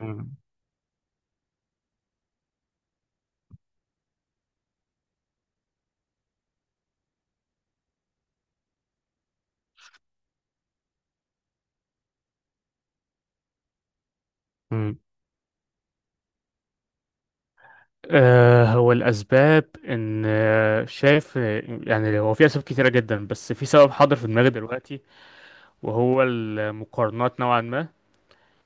مم. مم. هو الأسباب إن شايف يعني هو في أسباب كتيرة جدا، بس في سبب حاضر في دماغي دلوقتي، وهو المقارنات نوعا ما.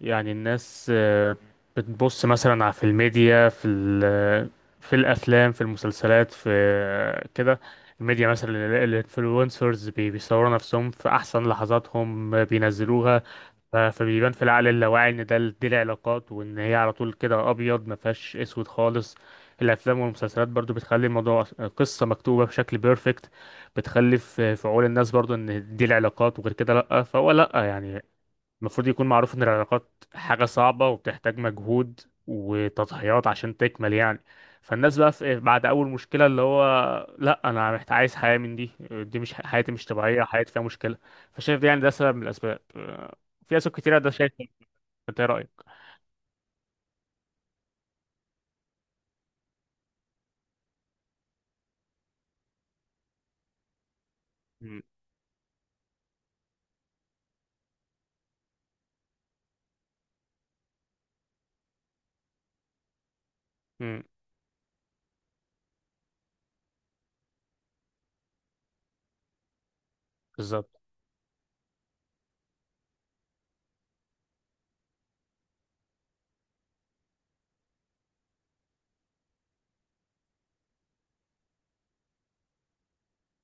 يعني الناس بتبص مثلا على في الميديا، في في الأفلام في المسلسلات في كده. الميديا مثلا الانفلونسرز بيصوروا نفسهم في أحسن لحظاتهم، بينزلوها. فبيبان في العقل اللاواعي ان دي العلاقات، وان هي على طول كده ابيض ما فيهاش اسود خالص. الافلام والمسلسلات برضو بتخلي الموضوع قصه مكتوبه بشكل بيرفكت، بتخلي في عقول الناس برضو ان دي العلاقات، وغير كده لا، فهو لا يعني المفروض يكون معروف ان العلاقات حاجة صعبة وبتحتاج مجهود وتضحيات عشان تكمل يعني. فالناس بقى في بعد اول مشكلة اللي هو لا، انا محتاج عايز حياة من دي، دي مش حياتي، مش طبيعية، حياتي فيها مشكلة. فشايف ده يعني ده سبب من الاسباب، في اسباب كتيرة، ده شايف إيه؟ انت ايه رأيك؟ مم. مم. بالظبط.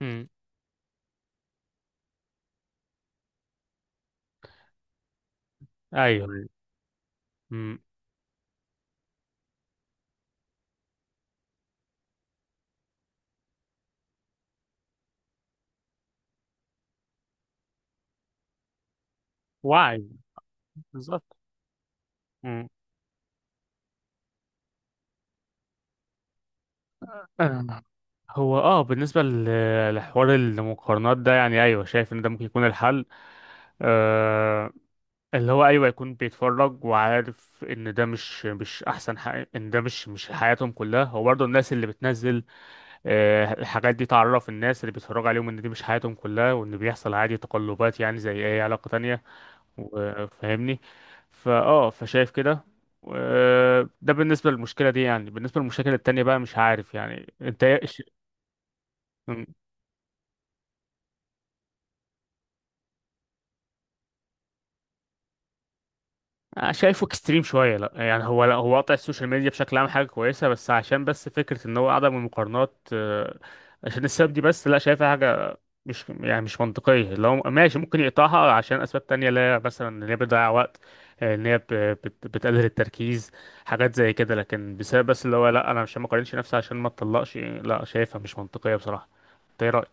مم. ايوه. مم. وعي، بالظبط. مم. آه. هو بالنسبة لحوار المقارنات ده. يعني ايوه، شايف ان ده ممكن يكون الحل اللي هو ايوه، يكون بيتفرج وعارف ان ده مش احسن حاجه، ان ده مش حياتهم كلها. هو برضه الناس اللي بتنزل الحاجات دي تعرف الناس اللي بيتفرجوا عليهم ان دي مش حياتهم كلها، وان بيحصل عادي تقلبات، يعني زي اي علاقه تانية وفاهمني. فشايف كده. ده بالنسبه للمشكله دي يعني. بالنسبه للمشاكل التانية بقى مش عارف، يعني انت إيه-؟ شايفه اكستريم شويه، لا يعني هو، لا، هو قطع السوشيال ميديا بشكل عام حاجه كويسه، بس عشان بس فكره ان هو عدم المقارنات عشان السبب دي بس، لا، شايفها حاجه مش يعني مش منطقيه. لو ماشي ممكن يقطعها عشان اسباب تانية، لا، مثلا ان هي بتضيع وقت، ان هي بتقلل التركيز، حاجات زي كده. لكن بسبب بس اللي هو لا، انا مش ما اقارنش نفسي عشان ما اتطلقش، لا، شايفها مش منطقيه بصراحه. إنت ايه رايك؟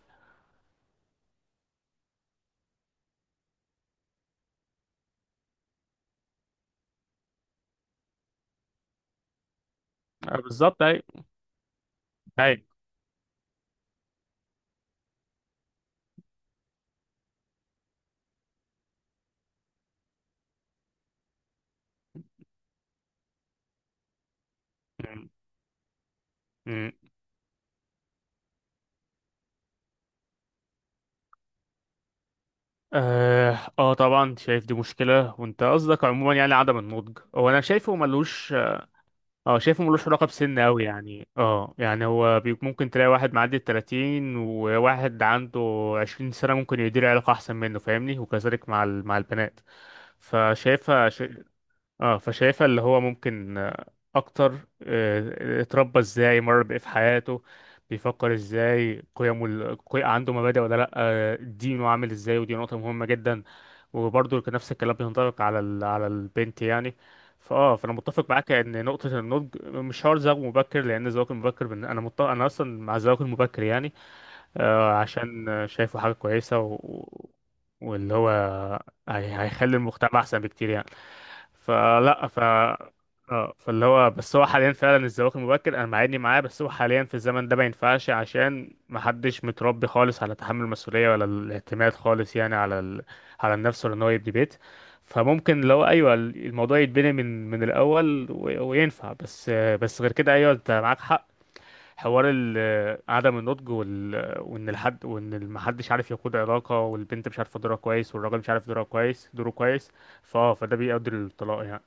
بالظبط. اي. اي. اه طبعا شايف دي مشكلة. وانت قصدك عموما يعني عدم النضج. هو انا شايفه ملوش، اه شايفه ملوش علاقة بسن اوي يعني. اه يعني هو ممكن تلاقي واحد معدي الـ30 وواحد عنده 20 سنة ممكن يدير علاقة احسن منه، فاهمني. وكذلك مع مع البنات فشايفها. اه، فشايفها اللي هو ممكن اكتر اتربى ازاي، مر بايه في حياته، بيفكر ازاي، قيمه عنده مبادئ ولا لا، دينه عامل ازاي. ودي نقطة مهمة جدا. وبرضه كان نفس الكلام بينطبق على على البنت يعني. فانا متفق معاك ان نقطة النضج مش شرط زواج مبكر، لان الزواج المبكر انا اصلا مع الزواج المبكر يعني، عشان شايفه حاجة كويسة واللي هو هيخلي المجتمع أحسن بكتير يعني. فلا، ف اه فاللي هو بس، هو حاليا فعلا الزواج المبكر انا معادني معاه، بس هو حاليا في الزمن ده ما ينفعش عشان ما حدش متربي خالص على تحمل المسؤولية ولا الاعتماد خالص يعني على على النفس، ولا ان هو يبني بيت. فممكن لو ايوه الموضوع يتبني من الاول وينفع، بس غير كده ايوه انت معاك حق. حوار عدم النضج وان الحد وان محدش عارف يقود علاقه، والبنت مش عارفه دورها كويس، والراجل مش عارف دوره كويس. فده بيؤدي للطلاق يعني.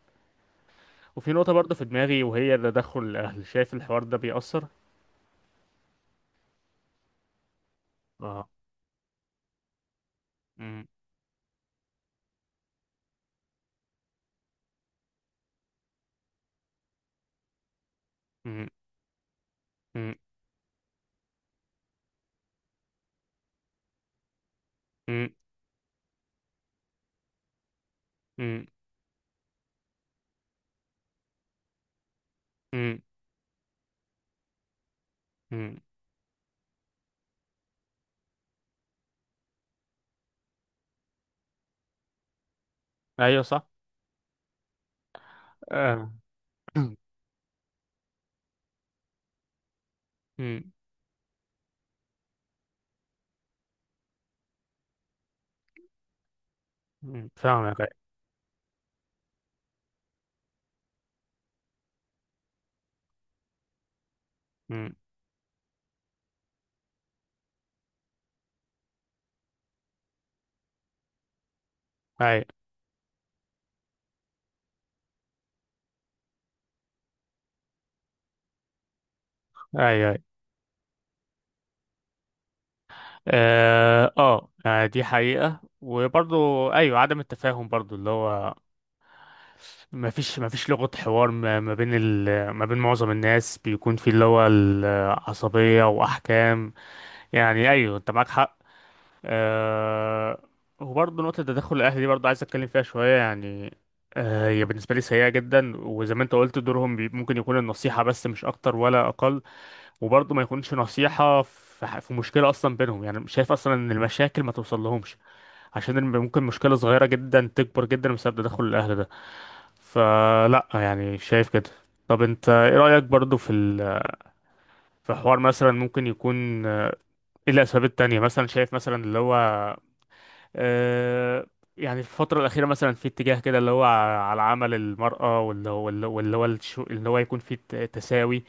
وفي نقطه برضه في دماغي، وهي تدخل الاهل، شايف الحوار ده بيأثر. اه. مم، مم، مم، مم، مم، مم، مم. ايوه صح. آه. مم، مم. فاهمك أيوة. مم. ايوه ايوه. ايوه. يعني دي حقيقة. وبرضو ايوه عدم التفاهم برضو اللي هو ما فيش لغة حوار، ما بين ما بين معظم الناس بيكون في اللي هو العصبية وأحكام، يعني أيوه أنت معاك حق. أه... وبرضه نقطة تدخل الأهل دي برضه عايز أتكلم فيها شوية يعني. هي بالنسبة لي سيئة جدا، وزي ما أنت قلت دورهم ممكن يكون النصيحة بس، مش أكتر ولا أقل. وبرضه ما يكونش نصيحة في مشكلة أصلا بينهم، يعني مش شايف أصلا إن المشاكل ما توصل لهمش. عشان ممكن مشكلة صغيرة جدا تكبر جدا بسبب تدخل الأهل ده. فلا يعني، شايف كده. طب انت ايه رأيك برضو في في حوار مثلا ممكن يكون ايه الاسباب التانية مثلا، شايف مثلا اللي هو آه يعني في الفترة الأخيرة مثلا في اتجاه كده اللي هو على عمل المرأة، اللي هو يكون في تساوي،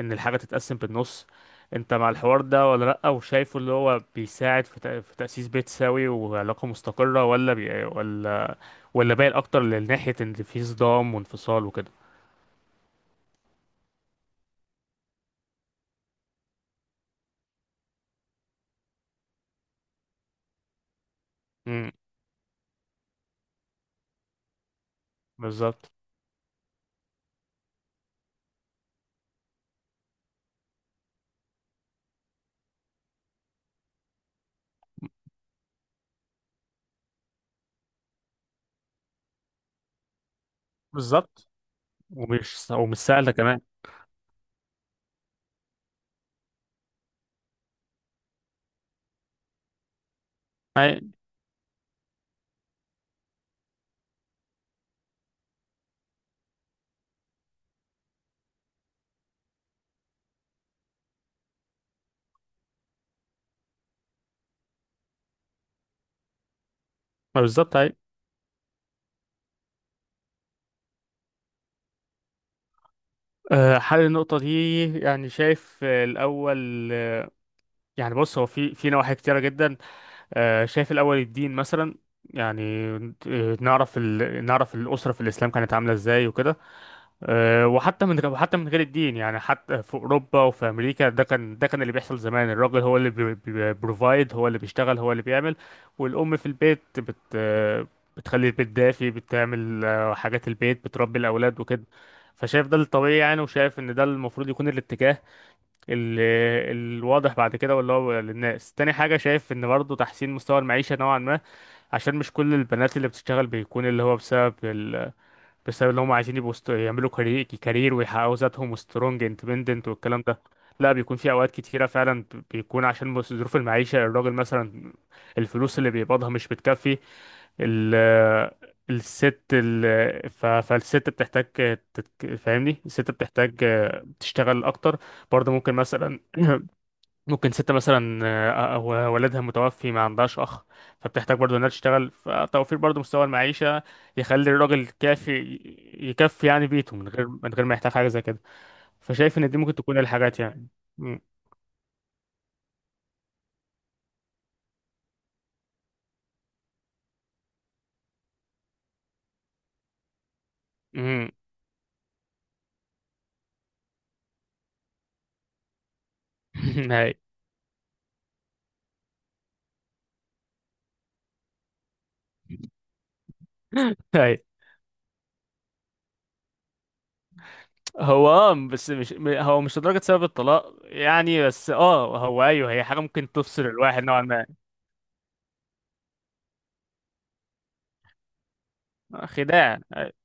ان الحاجة تتقسم بالنص. انت مع الحوار ده ولا لأ؟ وشايفه اللي هو بيساعد في في تأسيس بيت سوي وعلاقة مستقرة، ولا ولا بايل اكتر لناحية ان في صدام وانفصال وكده. بالظبط. بالظبط. ومش سهلة كمان. أي. ما بالظبط. أي. حل النقطة دي، يعني شايف الأول، يعني بص هو في نواحي كتيرة جدا. شايف الأول الدين مثلا، يعني نعرف نعرف الأسرة في الإسلام كانت عاملة إزاي وكده. وحتى من غير الدين يعني، حتى في اوروبا وفي امريكا، ده كان، اللي بيحصل زمان الراجل هو اللي بروفايد، هو اللي بيشتغل، هو اللي بيعمل. والام في البيت بت أه، بتخلي البيت دافي، بتعمل حاجات البيت، بتربي الاولاد وكده. فشايف ده الطبيعي يعني، وشايف ان ده المفروض يكون الاتجاه ال- الواضح بعد كده واللي هو للناس. تاني حاجة شايف ان برضه تحسين مستوى المعيشة نوعا ما، عشان مش كل البنات اللي بتشتغل بيكون اللي هو بسبب ان هم عايزين يبقوا يعملوا كارير كارير ويحققوا ذاتهم وسترونج اندبندنت والكلام ده. لا، بيكون في اوقات كتيره فعلا بيكون عشان ظروف المعيشه. الراجل مثلا الفلوس اللي بيقبضها مش بتكفي، ال الست ال ف- فالست بتحتاج فاهمني، الست بتحتاج تشتغل اكتر. برضه ممكن مثلا، ممكن ست مثلا أو والدها متوفي ما عندهاش أخ، فبتحتاج برضو إنها تشتغل، فتوفير برضو مستوى المعيشة يخلي الراجل يكفي يعني بيته، من غير ما يحتاج حاجة زي كده. فشايف إن دي ممكن تكون الحاجات يعني. م- م- هاي هاي. هو بس مش هو مش لدرجة سبب الطلاق يعني، بس هو أيوه، هي حاجة ممكن تفصل الواحد نوعا ما. خداع.